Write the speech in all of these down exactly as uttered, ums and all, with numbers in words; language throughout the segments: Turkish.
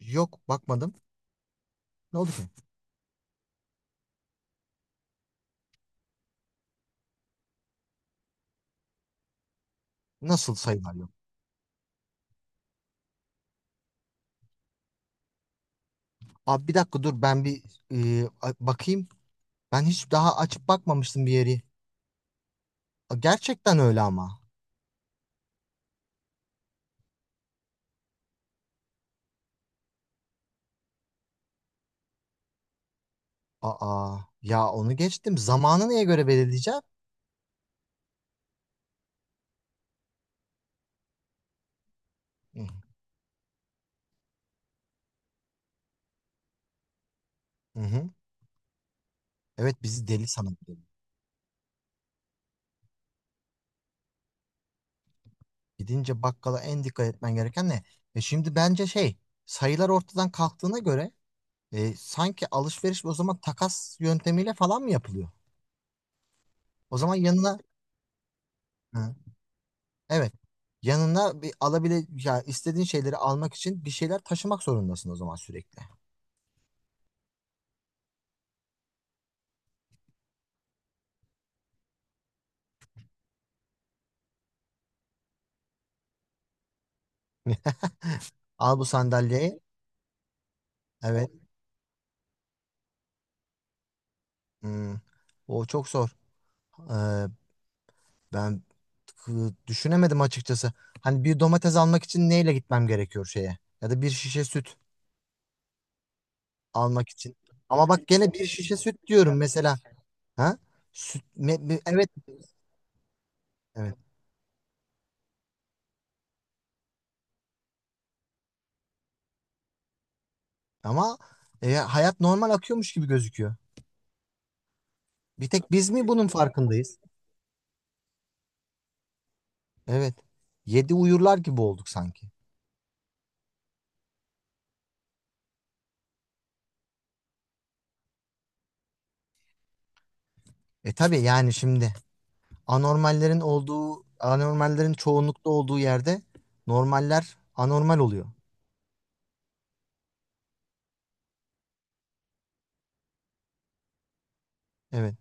Yok, bakmadım. Ne oldu ki? Nasıl sayılar yok? Abi bir dakika dur, ben bir e, a- bakayım. Ben hiç daha açıp bakmamıştım bir yeri. A, gerçekten öyle ama. Aa ya, onu geçtim. Zamanı neye göre belirleyeceğim? Hı hı. Evet, bizi deli sanabilir. Gidince bakkala en dikkat etmen gereken ne? E şimdi bence şey, sayılar ortadan kalktığına göre, e, sanki alışveriş o zaman takas yöntemiyle falan mı yapılıyor? O zaman yanına. Hı. Evet. Yanına bir alabile ya, istediğin şeyleri almak için bir şeyler taşımak zorundasın o zaman sürekli. Al bu sandalyeyi. Evet. Hmm. O çok zor. Ee, Ben kı- düşünemedim açıkçası. Hani bir domates almak için neyle gitmem gerekiyor şeye? Ya da bir şişe süt almak için. Ama bak gene bir şişe süt diyorum mesela. Ha? Süt, me- me- evet. Evet. Ama e, hayat normal akıyormuş gibi gözüküyor. Bir tek biz mi bunun farkındayız? Evet. Yedi uyurlar gibi olduk sanki. E tabii, yani şimdi anormallerin olduğu, anormallerin çoğunlukta olduğu yerde normaller anormal oluyor. Evet,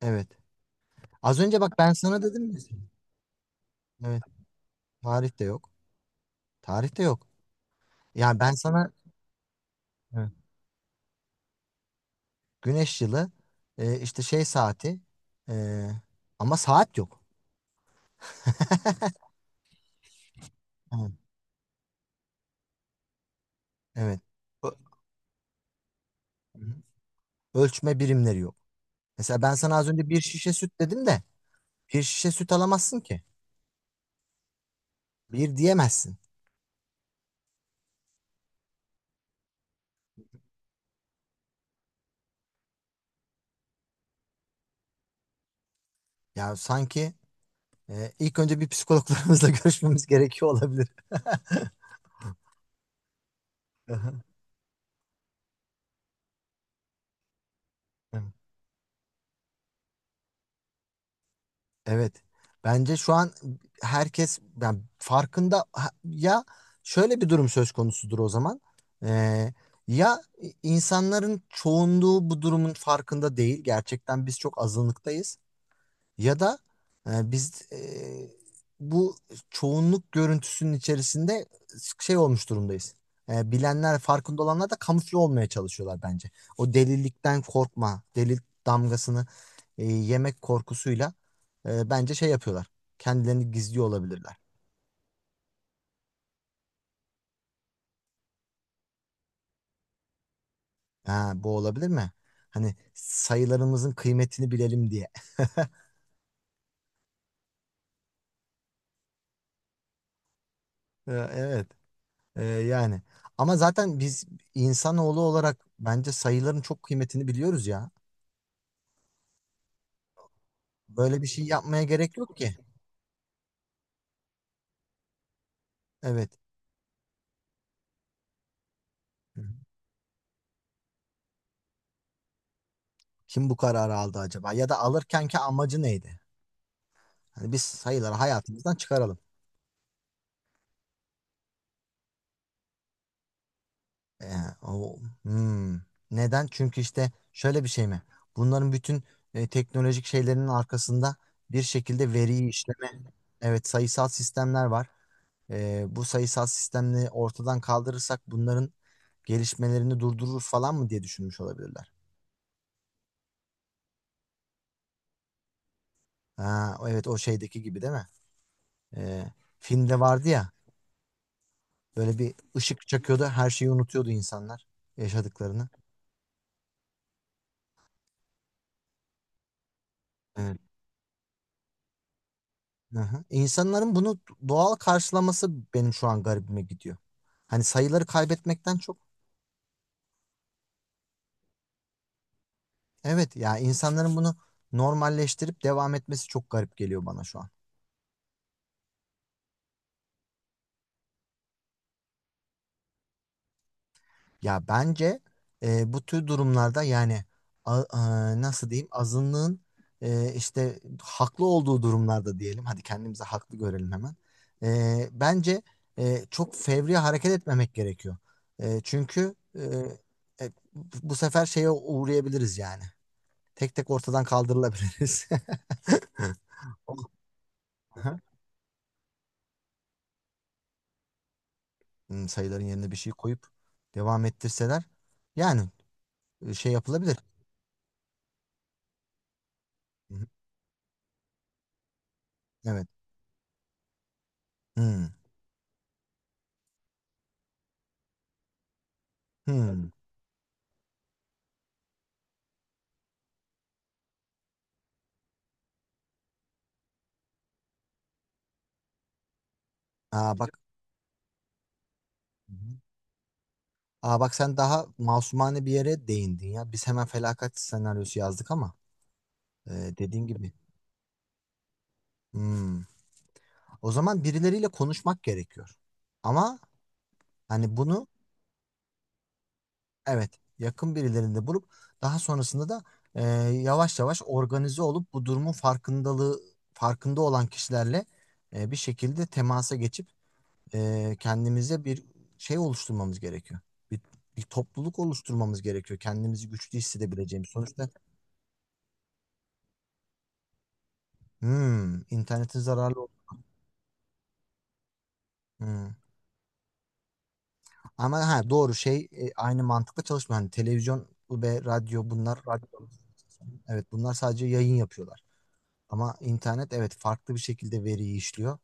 evet. Az önce bak, ben sana dedim mi? Evet, tarih de yok. Tarih de yok. Yani ben sana. Evet. Güneş yılı, e, işte şey saati, e, ama saat yok. Evet. Evet. Ö- Ölçme birimleri yok. Mesela ben sana az önce bir şişe süt dedim de bir şişe süt alamazsın ki. Bir diyemezsin. Yani sanki e, ilk önce bir psikologlarımızla görüşmemiz gerekiyor olabilir. Aha. Evet. Evet. Bence şu an herkes yani farkında, ha- ya şöyle bir durum söz konusudur o zaman. Ee, Ya, insanların çoğunluğu bu durumun farkında değil. Gerçekten biz çok azınlıktayız. Ya da e, biz e, bu çoğunluk görüntüsünün içerisinde şey olmuş durumdayız. E, bilenler, farkında olanlar da kamufle olmaya çalışıyorlar bence. O delilikten korkma, delil damgasını e, yemek korkusuyla, e, bence şey yapıyorlar. Kendilerini gizliyor olabilirler. Ha, bu olabilir mi? Hani sayılarımızın kıymetini bilelim diye. E, Evet, E, yani. Ama zaten biz insanoğlu olarak bence sayıların çok kıymetini biliyoruz ya. Böyle bir şey yapmaya gerek yok ki. Evet. Hı hı. Kim bu kararı aldı acaba? Ya da alırkenki amacı neydi? Hani biz sayıları hayatımızdan çıkaralım. Ee, o, hmm. Neden? Çünkü işte şöyle bir şey mi? Bunların bütün e, teknolojik şeylerinin arkasında bir şekilde veriyi işleme, evet sayısal sistemler var. Ee, bu sayısal sistemleri ortadan kaldırırsak bunların gelişmelerini durdurur falan mı diye düşünmüş olabilirler. Ha, evet, o şeydeki gibi değil mi? Ee, Filmde vardı ya. Böyle bir ışık çakıyordu, her şeyi unutuyordu insanlar yaşadıklarını. Evet. Hı hı. E, İnsanların bunu doğal karşılaması benim şu an garibime gidiyor. Hani sayıları kaybetmekten çok. Evet ya, insanların bunu normalleştirip devam etmesi çok garip geliyor bana şu an. Ya bence e, bu tür durumlarda yani, a- a- nasıl diyeyim, azınlığın e, işte haklı olduğu durumlarda diyelim, hadi kendimizi haklı görelim hemen. E, bence e, çok fevri hareket etmemek gerekiyor. E, çünkü e, e, bu sefer şeye uğrayabiliriz yani. Tek tek ortadan kaldırılabiliriz. Aha. Hmm, sayıların yerine bir şey koyup devam ettirseler, yani e, şey yapılabilir. Hı hı. Evet. Hmm. Hmm. Aa, bak. Hı hı. Aa, bak, sen daha masumane bir yere değindin ya. Biz hemen felaket senaryosu yazdık ama, e, dediğin gibi. Hmm. O zaman birileriyle konuşmak gerekiyor. Ama hani bunu, evet, yakın birilerinde bulup, daha sonrasında da, e, yavaş yavaş organize olup bu durumun farkındalığı, farkında olan kişilerle e, bir şekilde temasa geçip, e, kendimize bir şey oluşturmamız gerekiyor. Bir, bir topluluk oluşturmamız gerekiyor. Kendimizi güçlü hissedebileceğimiz. Sonuçta. Hmm, internetin zararlı ol- Hmm. Ama ha, doğru, şey e, aynı mantıkla çalışmıyor. Hani televizyon ve radyo, bunlar radyo. Evet, bunlar sadece yayın yapıyorlar. Ama internet, evet, farklı bir şekilde veriyi işliyor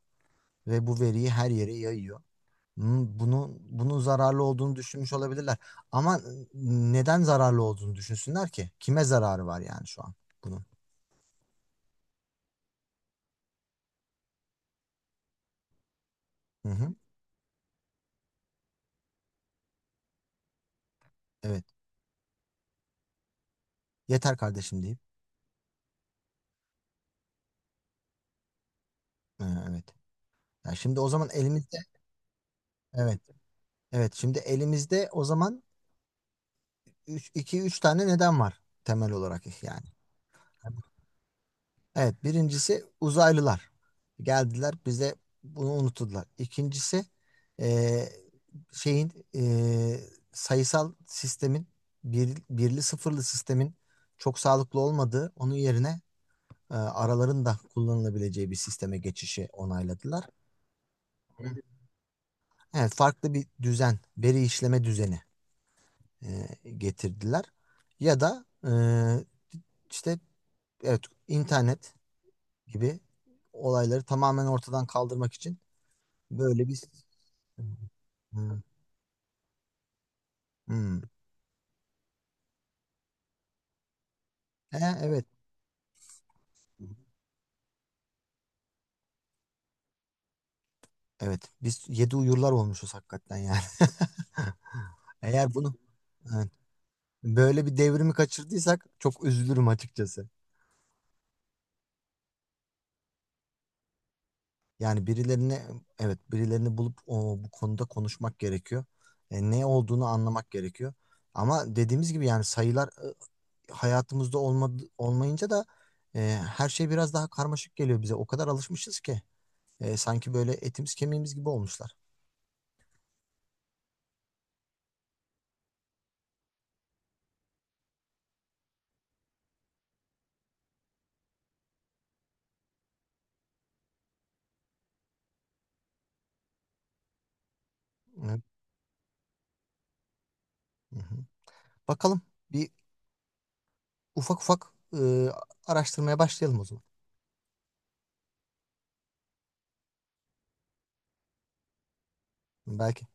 ve bu veriyi her yere yayıyor. Hmm, bunu bunun zararlı olduğunu düşünmüş olabilirler. Ama neden zararlı olduğunu düşünsünler ki? Kime zararı var yani şu an bunun? Hı hı. Evet. Yeter kardeşim deyip. Ee, evet. Ya şimdi o zaman elimizde. Evet. Evet, şimdi elimizde o zaman üç, iki üç tane neden var temel olarak yani. Evet, birincisi uzaylılar. Geldiler, bize bunu unuttular. İkincisi eee, şeyin, eee, sayısal sistemin, bir, birli sıfırlı sistemin çok sağlıklı olmadığı, onun yerine eee, araların da kullanılabileceği bir sisteme geçişi onayladılar. Evet, farklı bir düzen, veri işleme düzeni eee, getirdiler. Ya da eee, işte, evet, internet gibi olayları tamamen ortadan kaldırmak için böyle bir. Hmm. Hmm. E, evet, evet, biz yedi uyurlar olmuşuz hakikaten yani. Eğer bunu, evet, böyle bir devrimi kaçırdıysak çok üzülürüm açıkçası. Yani birilerini, evet, birilerini bulup, o, bu konuda konuşmak gerekiyor. E, ne olduğunu anlamak gerekiyor. Ama dediğimiz gibi yani, sayılar hayatımızda olmadı, olmayınca da e, her şey biraz daha karmaşık geliyor bize. O kadar alışmışız ki, e, sanki böyle etimiz kemiğimiz gibi olmuşlar. Evet. Hı hı. Bakalım, bir ufak ufak e, araştırmaya başlayalım o zaman. Belki.